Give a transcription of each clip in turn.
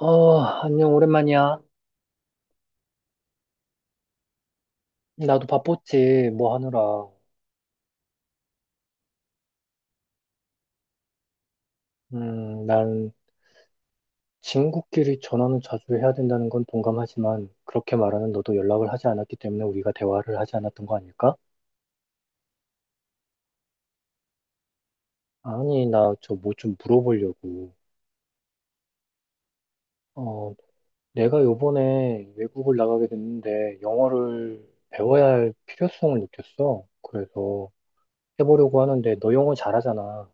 어, 안녕, 오랜만이야. 나도 바빴지, 뭐 하느라. 난 친구끼리 전화는 자주 해야 된다는 건 동감하지만, 그렇게 말하는 너도 연락을 하지 않았기 때문에 우리가 대화를 하지 않았던 거 아닐까? 아니, 나 저 뭐 좀 물어보려고. 어, 내가 요번에 외국을 나가게 됐는데, 영어를 배워야 할 필요성을 느꼈어. 그래서 해보려고 하는데, 너 영어 잘하잖아.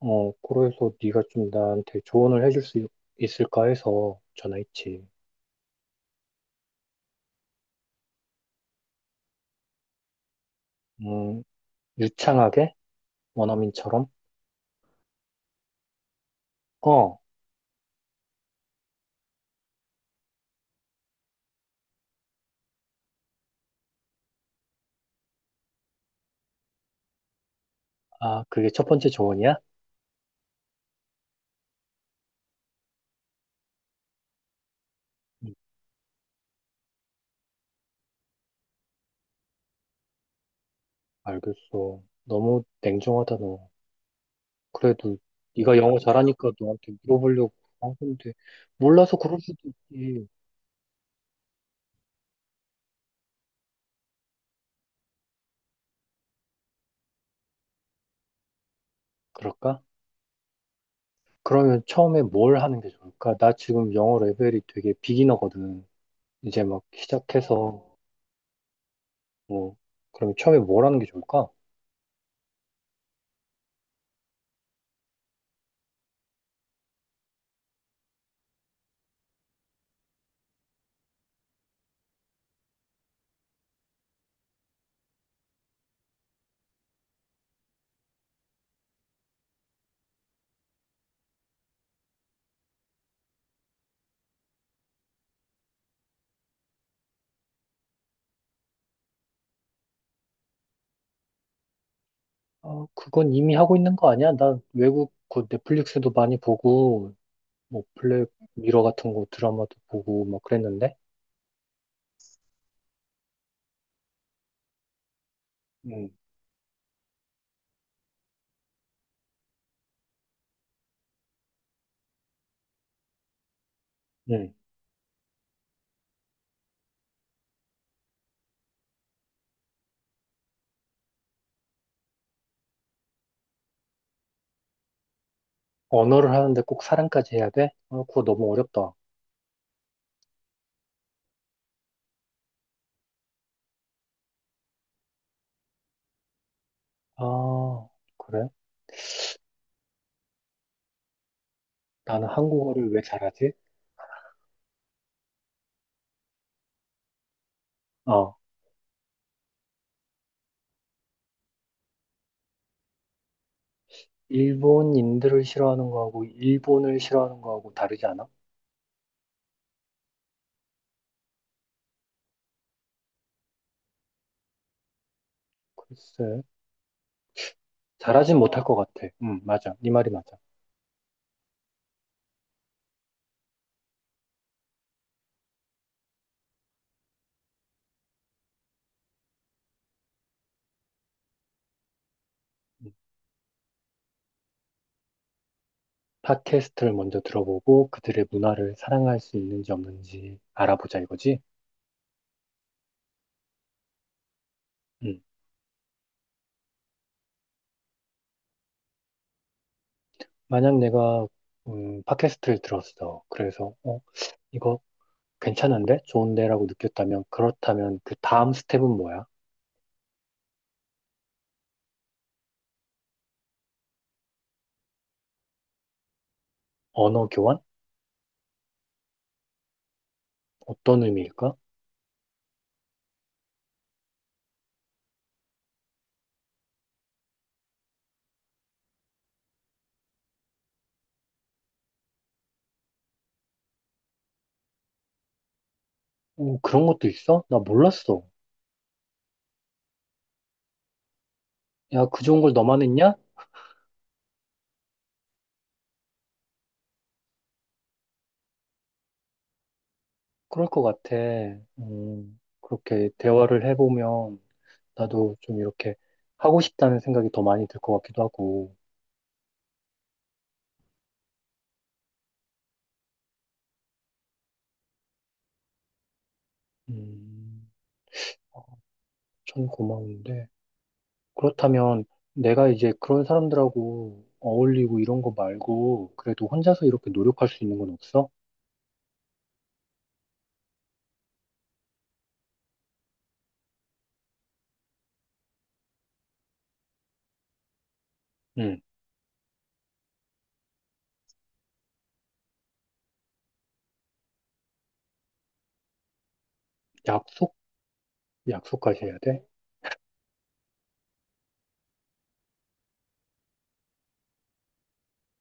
어, 그래서 네가 좀 나한테 조언을 해줄 수 있을까 해서 전화했지. 음, 유창하게? 원어민처럼? 어, 아, 그게 첫 번째 조언이야? 음, 알겠어. 너무 냉정하다, 너. 그래도 네가 영어 잘하니까 너한테 물어보려고 한 건데, 몰라서 그럴 수도 있지. 그럴까? 그러면 처음에 뭘 하는 게 좋을까? 나 지금 영어 레벨이 되게 비기너거든. 이제 막 시작해서, 뭐, 그럼 처음에 뭘 하는 게 좋을까? 어, 그건 이미 하고 있는 거 아니야? 나 외국 그 넷플릭스도 많이 보고, 뭐 블랙 미러 같은 거 드라마도 보고 막 그랬는데, 음. 응. 언어를 하는데 꼭 사랑까지 해야 돼? 아, 그거 너무 어렵다. 아, 그래? 나는 한국어를 왜 잘하지? 어, 일본인들을 싫어하는 거하고 일본을 싫어하는 거하고 다르지 않아? 글쎄, 잘하진 못할 것 같아. 응, 맞아. 네 말이 맞아. 음. 팟캐스트를 먼저 들어보고 그들의 문화를 사랑할 수 있는지 없는지 알아보자 이거지? 음. 만약 내가 팟캐스트를 들었어. 그래서 어, 이거 괜찮은데? 좋은데라고 느꼈다면, 그렇다면 그 다음 스텝은 뭐야? 언어 교환? 어떤 의미일까? 오, 그런 것도 있어? 나 몰랐어. 야, 그 좋은 걸 너만 했냐? 그럴 것 같아. 그렇게 대화를 해보면 나도 좀 이렇게 하고 싶다는 생각이 더 많이 들 것 같기도 하고. 음, 전 고마운데. 그렇다면 내가 이제 그런 사람들하고 어울리고 이런 거 말고 그래도 혼자서 이렇게 노력할 수 있는 건 없어? 응. 약속? 약속까지 해야 돼?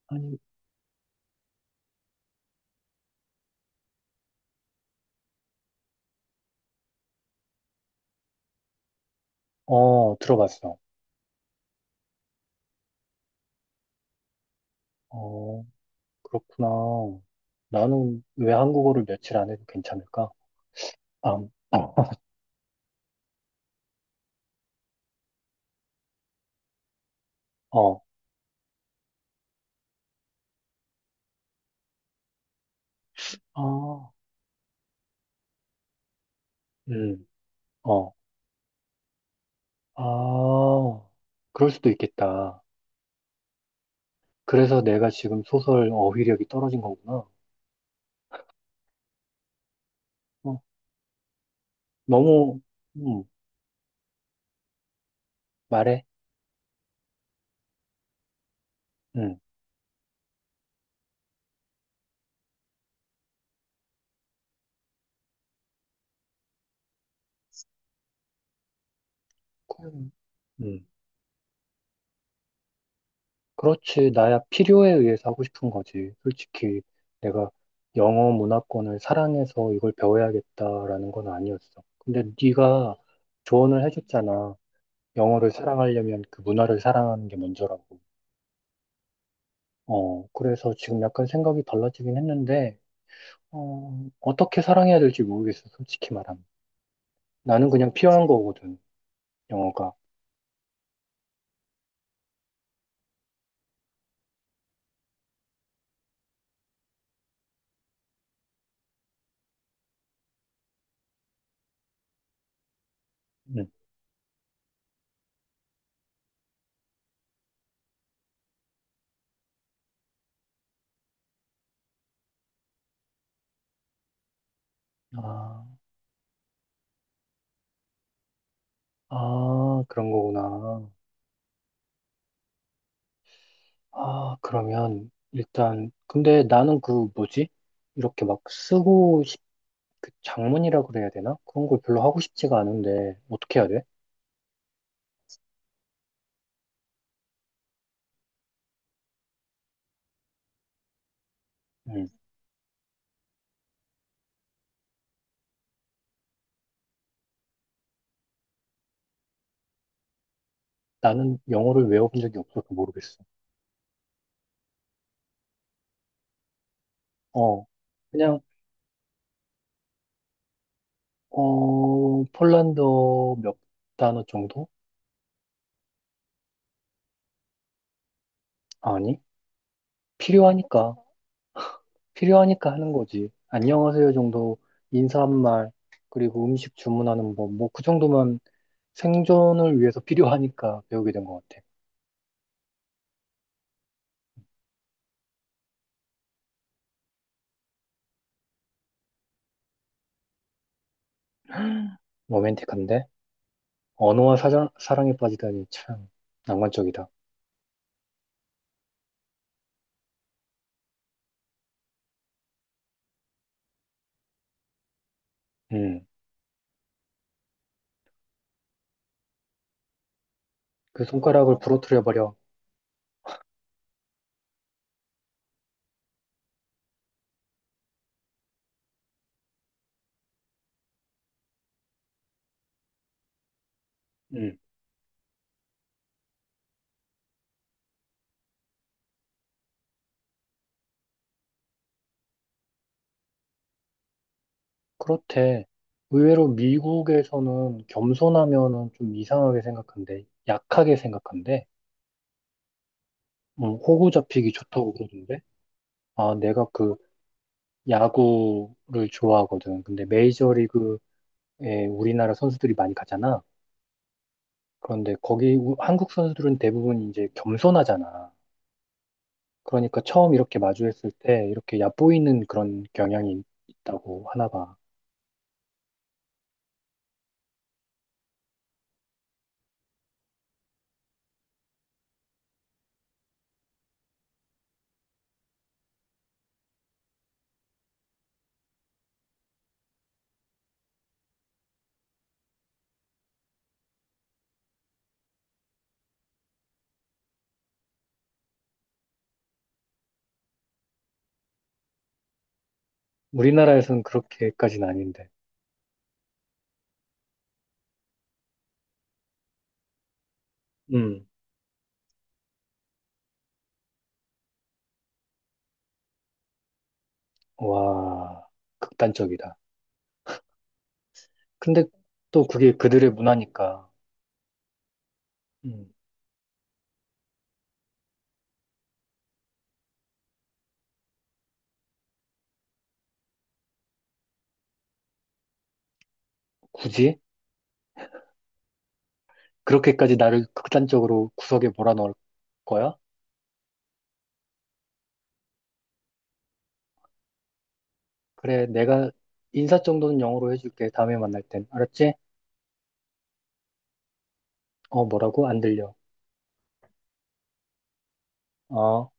아니, 어, 들어봤어. 어, 그렇구나. 나는 왜 한국어를 며칠 안 해도 괜찮을까? 아, 어, 아, 음, 어, 아, 그럴 수도 있겠다. 그래서 내가 지금 소설 어휘력이 떨어진 거구나. 어, 너무, 음, 말해. 음, 음, 그렇지. 나야 필요에 의해서 하고 싶은 거지. 솔직히 내가 영어 문화권을 사랑해서 이걸 배워야겠다라는 건 아니었어. 근데 네가 조언을 해줬잖아. 영어를 사랑하려면 그 문화를 사랑하는 게 먼저라고. 어, 그래서 지금 약간 생각이 달라지긴 했는데, 어, 어떻게 사랑해야 될지 모르겠어. 솔직히 말하면. 나는 그냥 필요한 거거든. 영어가. 응. 아, 아, 그런 거구나. 아, 그러면 일단 근데 나는 그 뭐지? 이렇게 막 쓰고 싶, 그 장문이라 그래야 되나? 그런 걸 별로 하고 싶지가 않은데 어떻게 해야 돼? 음, 나는 영어를 외워본 적이 없어서 모르겠어. 어, 그냥 어 폴란드어 몇 단어 정도? 아니, 필요하니까 필요하니까 하는 거지. 안녕하세요 정도 인사말 그리고 음식 주문하는 법 뭐 그 정도만 생존을 위해서 필요하니까 배우게 된 것 같아. 로맨틱한데? 언어와 사랑에 빠지다니 참 낭만적이다. 음, 그 손가락을 부러뜨려 버려. 음, 그렇대. 의외로 미국에서는 겸손하면은 좀 이상하게 생각한대. 약하게 생각한대. 호구 잡히기 좋다고 그러던데. 아, 내가 그 야구를 좋아하거든. 근데 메이저리그에 우리나라 선수들이 많이 가잖아. 그런데 거기 한국 선수들은 대부분 이제 겸손하잖아. 그러니까 처음 이렇게 마주했을 때 이렇게 얕보이는 그런 경향이 있다고 하나 봐. 우리나라에선 그렇게까지는 아닌데. 음, 와, 극단적이다. 근데 또 그게 그들의 문화니까 음, 굳이 그렇게까지 나를 극단적으로 구석에 몰아넣을 거야? 그래, 내가 인사 정도는 영어로 해줄게. 다음에 만날 땐. 알았지? 어, 뭐라고? 안 들려. 어.